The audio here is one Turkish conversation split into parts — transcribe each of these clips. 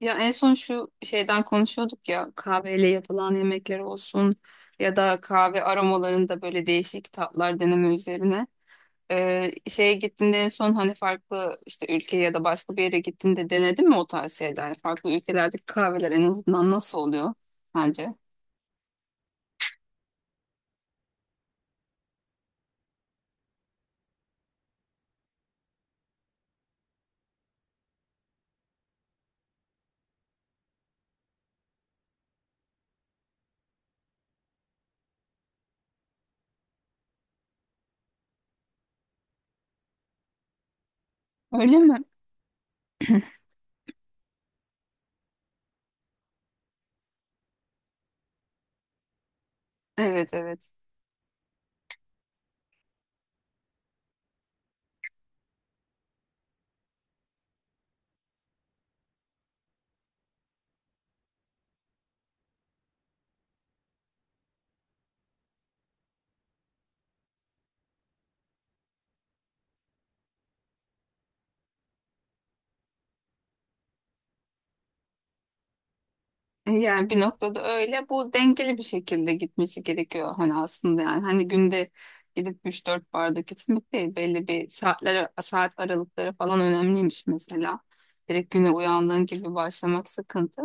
Ya en son şu şeyden konuşuyorduk ya, kahveyle yapılan yemekler olsun ya da kahve aromalarında böyle değişik tatlar deneme üzerine. Şeye gittiğinde en son hani farklı işte ülke ya da başka bir yere gittiğinde denedin mi o tarz şeyler? Yani farklı ülkelerdeki kahveler en azından nasıl oluyor sence? Öyle mi? Evet, evet. Yani bir noktada öyle. Bu dengeli bir şekilde gitmesi gerekiyor hani aslında yani. Hani günde gidip üç dört bardak içmek değil. Belli bir saatler, saat aralıkları falan önemliymiş mesela. Direkt güne uyandığın gibi başlamak sıkıntı.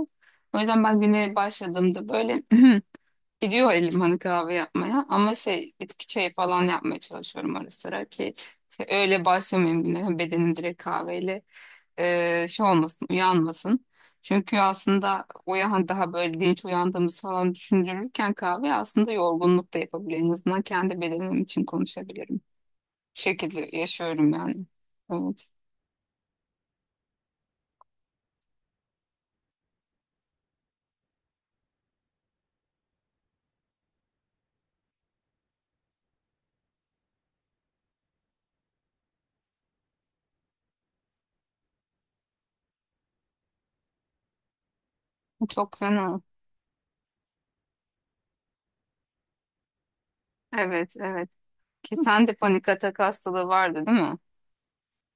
O yüzden ben güne başladığımda böyle gidiyor elim hani kahve yapmaya. Ama şey, bitki çayı falan yapmaya çalışıyorum ara sıra ki şey, öyle başlamayayım güne. Bedenim direkt kahveyle şey olmasın, uyanmasın. Çünkü aslında uyan daha böyle dinç uyandığımız falan düşündürürken kahve aslında yorgunluk da yapabilir. En azından kendi bedenim için konuşabilirim. Bu şekilde yaşıyorum yani. Evet. Bu çok fena. Evet, evet. Ki sen de panik atak hastalığı vardı değil mi?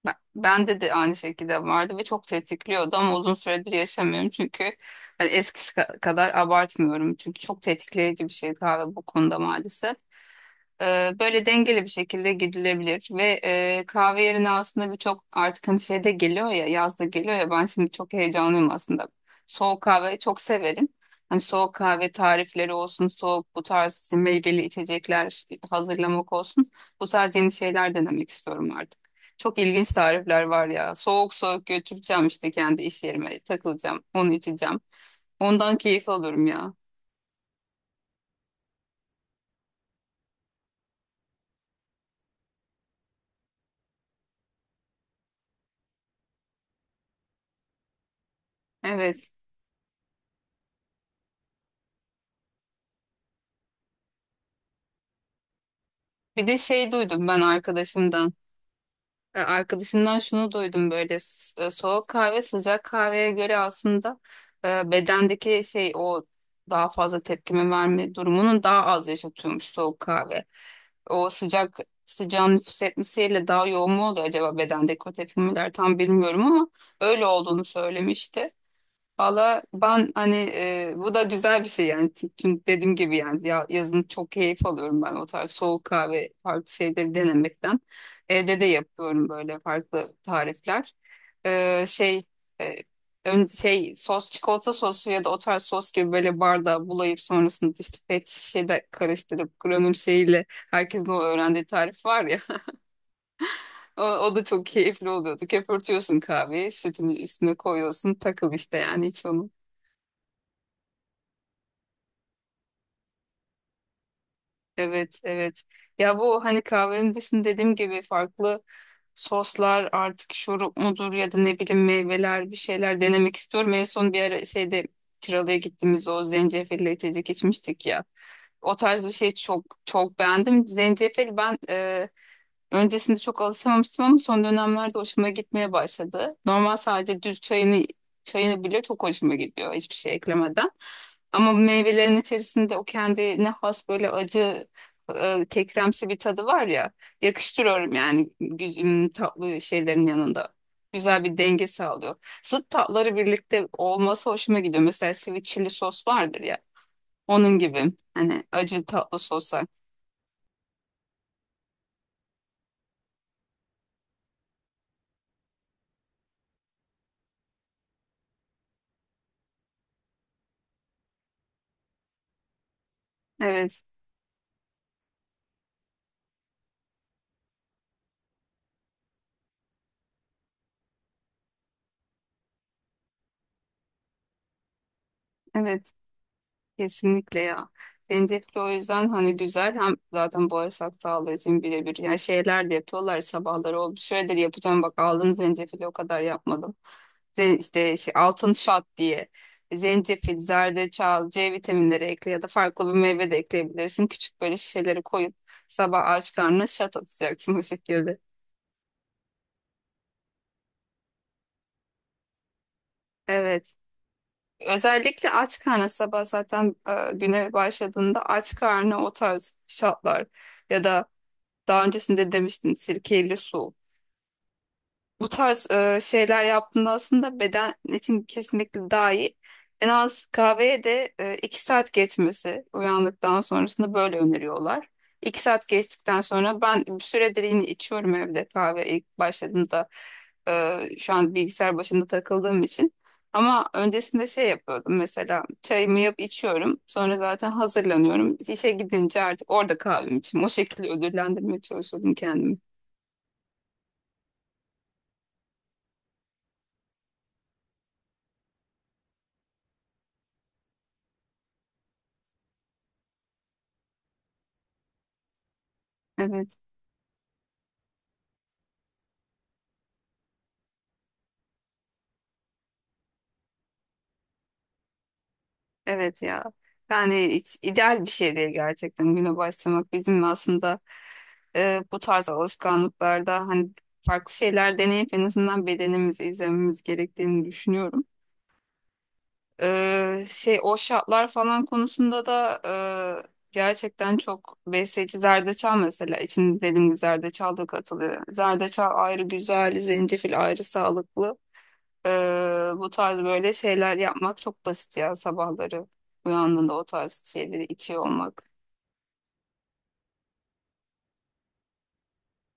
Ben, bende de aynı şekilde vardı ve çok tetikliyordu ama uzun süredir yaşamıyorum çünkü hani kadar abartmıyorum. Çünkü çok tetikleyici bir şey kahve bu konuda maalesef. Böyle dengeli bir şekilde gidilebilir ve kahve yerine aslında birçok artık hani şeyde geliyor ya, yazda geliyor ya, ben şimdi çok heyecanlıyım aslında. Soğuk kahve çok severim. Hani soğuk kahve tarifleri olsun, soğuk bu tarz işte meyveli içecekler hazırlamak olsun. Bu tarz yeni şeyler denemek istiyorum artık. Çok ilginç tarifler var ya. Soğuk soğuk götüreceğim işte, kendi iş yerime takılacağım, onu içeceğim. Ondan keyif alıyorum ya. Evet. Bir de şey duydum ben arkadaşımdan. Arkadaşımdan şunu duydum böyle soğuk kahve sıcak kahveye göre aslında bedendeki şey, o daha fazla tepkime verme durumunun daha az yaşatıyormuş soğuk kahve. O sıcağın nüfuz etmesiyle daha yoğun mu oluyor acaba bedendeki o tepkimeler tam bilmiyorum, ama öyle olduğunu söylemişti. Valla ben hani bu da güzel bir şey yani, çünkü dediğim gibi yani ya, yazın çok keyif alıyorum ben o tarz soğuk kahve farklı şeyleri denemekten. Evde de yapıyorum böyle farklı tarifler. E, şey e, Şey sos, çikolata sosu ya da o tarz sos gibi böyle bardağa bulayıp sonrasında işte pet şişede karıştırıp granül şeyiyle, herkesin o öğrendiği tarif var ya, o da çok keyifli oluyordu. Köpürtüyorsun kahveyi, sütünü üstüne koyuyorsun, takıl işte yani hiç onu. Evet, evet. Ya bu hani kahvenin dışında dediğim gibi farklı soslar artık, şurup mudur ya da ne bileyim meyveler, bir şeyler denemek istiyorum. En son bir ara şeyde Çıralı'ya gittiğimizde o zencefilli içecek içmiştik ya. O tarz bir şey çok çok beğendim. Zencefil, ben öncesinde çok alışamamıştım ama son dönemlerde hoşuma gitmeye başladı. Normal sadece düz çayını bile çok hoşuma gidiyor hiçbir şey eklemeden. Ama meyvelerin içerisinde o kendine has böyle acı, kekremsi bir tadı var ya, yakıştırıyorum yani güzüm tatlı şeylerin yanında. Güzel bir denge sağlıyor. Zıt tatları birlikte olması hoşuma gidiyor. Mesela sweet chili sos vardır ya, onun gibi hani acı tatlı soslar. Evet, evet. Kesinlikle ya. Zencefil o yüzden hani güzel, hem zaten bağırsak sağlığı için birebir. Yani şeyler de yapıyorlar sabahları oldu. Şöyle de yapacağım bak, aldın zencefili o kadar yapmadım. Zen işte şey, altın şat diye. Zencefil, zerdeçal, C vitaminleri ekle ya da farklı bir meyve de ekleyebilirsin. Küçük böyle şişeleri koyup sabah aç karnına şat atacaksın, o şekilde. Evet. Özellikle aç karnına sabah zaten güne başladığında aç karnına o tarz şatlar ya da daha öncesinde demiştin, sirkeyle su. Bu tarz şeyler yaptığında aslında beden için kesinlikle daha iyi. En az kahveye de iki saat geçmesi uyandıktan sonrasında böyle öneriyorlar. İki saat geçtikten sonra ben bir süredir yine içiyorum evde, kahve ilk başladığımda şu an bilgisayar başında takıldığım için. Ama öncesinde şey yapıyordum mesela, çayımı yap içiyorum sonra zaten hazırlanıyorum. İşe gidince artık orada kahvemi içeyim, o şekilde ödüllendirmeye çalışıyordum kendimi. Evet, evet ya. Yani hiç ideal bir şey değil gerçekten güne başlamak. Bizim aslında bu tarz alışkanlıklarda hani farklı şeyler deneyip en azından bedenimizi izlememiz gerektiğini düşünüyorum. Şey o şartlar falan konusunda da gerçekten çok besleyici zerdeçal mesela, içinde dediğim gibi zerdeçal da katılıyor. Zerdeçal ayrı güzel, zencefil ayrı sağlıklı. Bu tarz böyle şeyler yapmak çok basit ya sabahları, uyandığında o tarz şeyleri içiyor olmak.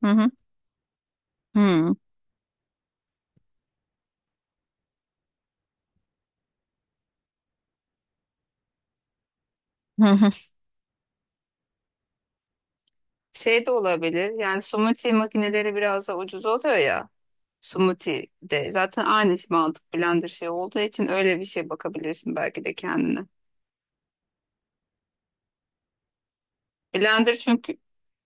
Hı hı. Hı. Hı hı. Şey de olabilir yani, smoothie makineleri biraz da ucuz oluyor ya, smoothie de zaten aynı mantık blender şey olduğu için, öyle bir şey bakabilirsin belki de kendine. Blender çünkü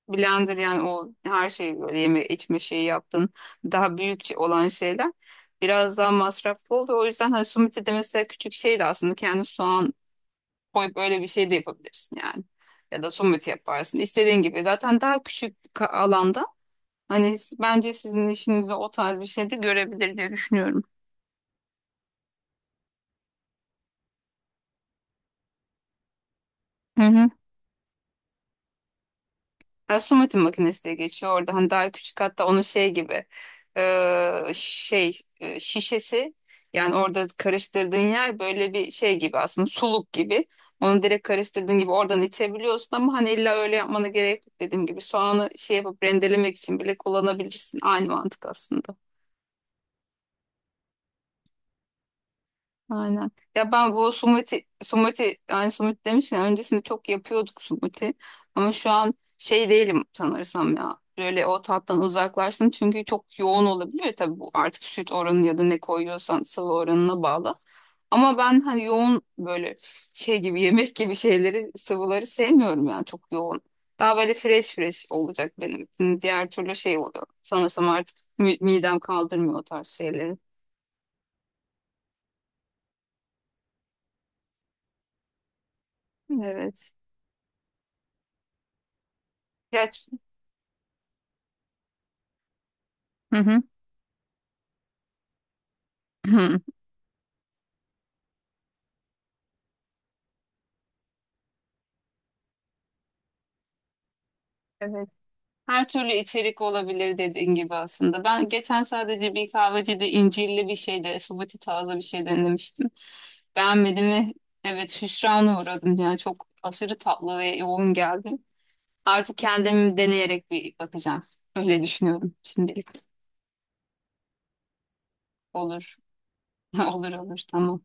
blender yani o her şeyi böyle yeme içme şeyi yaptığın daha büyükçe olan şeyler biraz daha masraflı oluyor. O yüzden hani smoothie de mesela küçük şey de aslında kendi soğan koyup öyle bir şey de yapabilirsin yani. Ya da somut yaparsın. İstediğin gibi. Zaten daha küçük bir alanda hani bence sizin işinizde o tarz bir şey de görebilir diye düşünüyorum. Hı hı. Ya, somutin makinesi diye geçiyor orada. Hani daha küçük, hatta onun şey gibi şişesi yani, orada karıştırdığın yer böyle bir şey gibi aslında, suluk gibi. Onu direkt karıştırdığın gibi oradan içebiliyorsun ama hani illa öyle yapmana gerek yok dediğim gibi. Soğanı şey yapıp rendelemek için bile kullanabilirsin. Aynı mantık aslında. Aynen. Ya ben bu sumuti, sumuti yani sumuti demişken öncesinde çok yapıyorduk sumuti. Ama şu an şey değilim sanırsam ya. Böyle o tattan uzaklaşsın çünkü çok yoğun olabiliyor. Tabii bu artık süt oranı ya da ne koyuyorsan sıvı oranına bağlı. Ama ben hani yoğun böyle şey gibi yemek gibi şeyleri, sıvıları sevmiyorum yani, çok yoğun. Daha böyle fresh fresh olacak benim için. Diğer türlü şey oluyor. Sanırsam artık midem kaldırmıyor o tarz şeyleri. Evet. Ya, hı hı. Hı. Evet. Her türlü içerik olabilir dediğin gibi aslında. Ben geçen sadece bir kahvecide incirli bir şeyde, subuti tarzı bir şey denemiştim. Beğenmedim ve evet, hüsrana uğradım. Yani çok aşırı tatlı ve yoğun geldi. Artık kendimi deneyerek bir bakacağım. Öyle düşünüyorum şimdilik. Olur. Olur olur, tamam.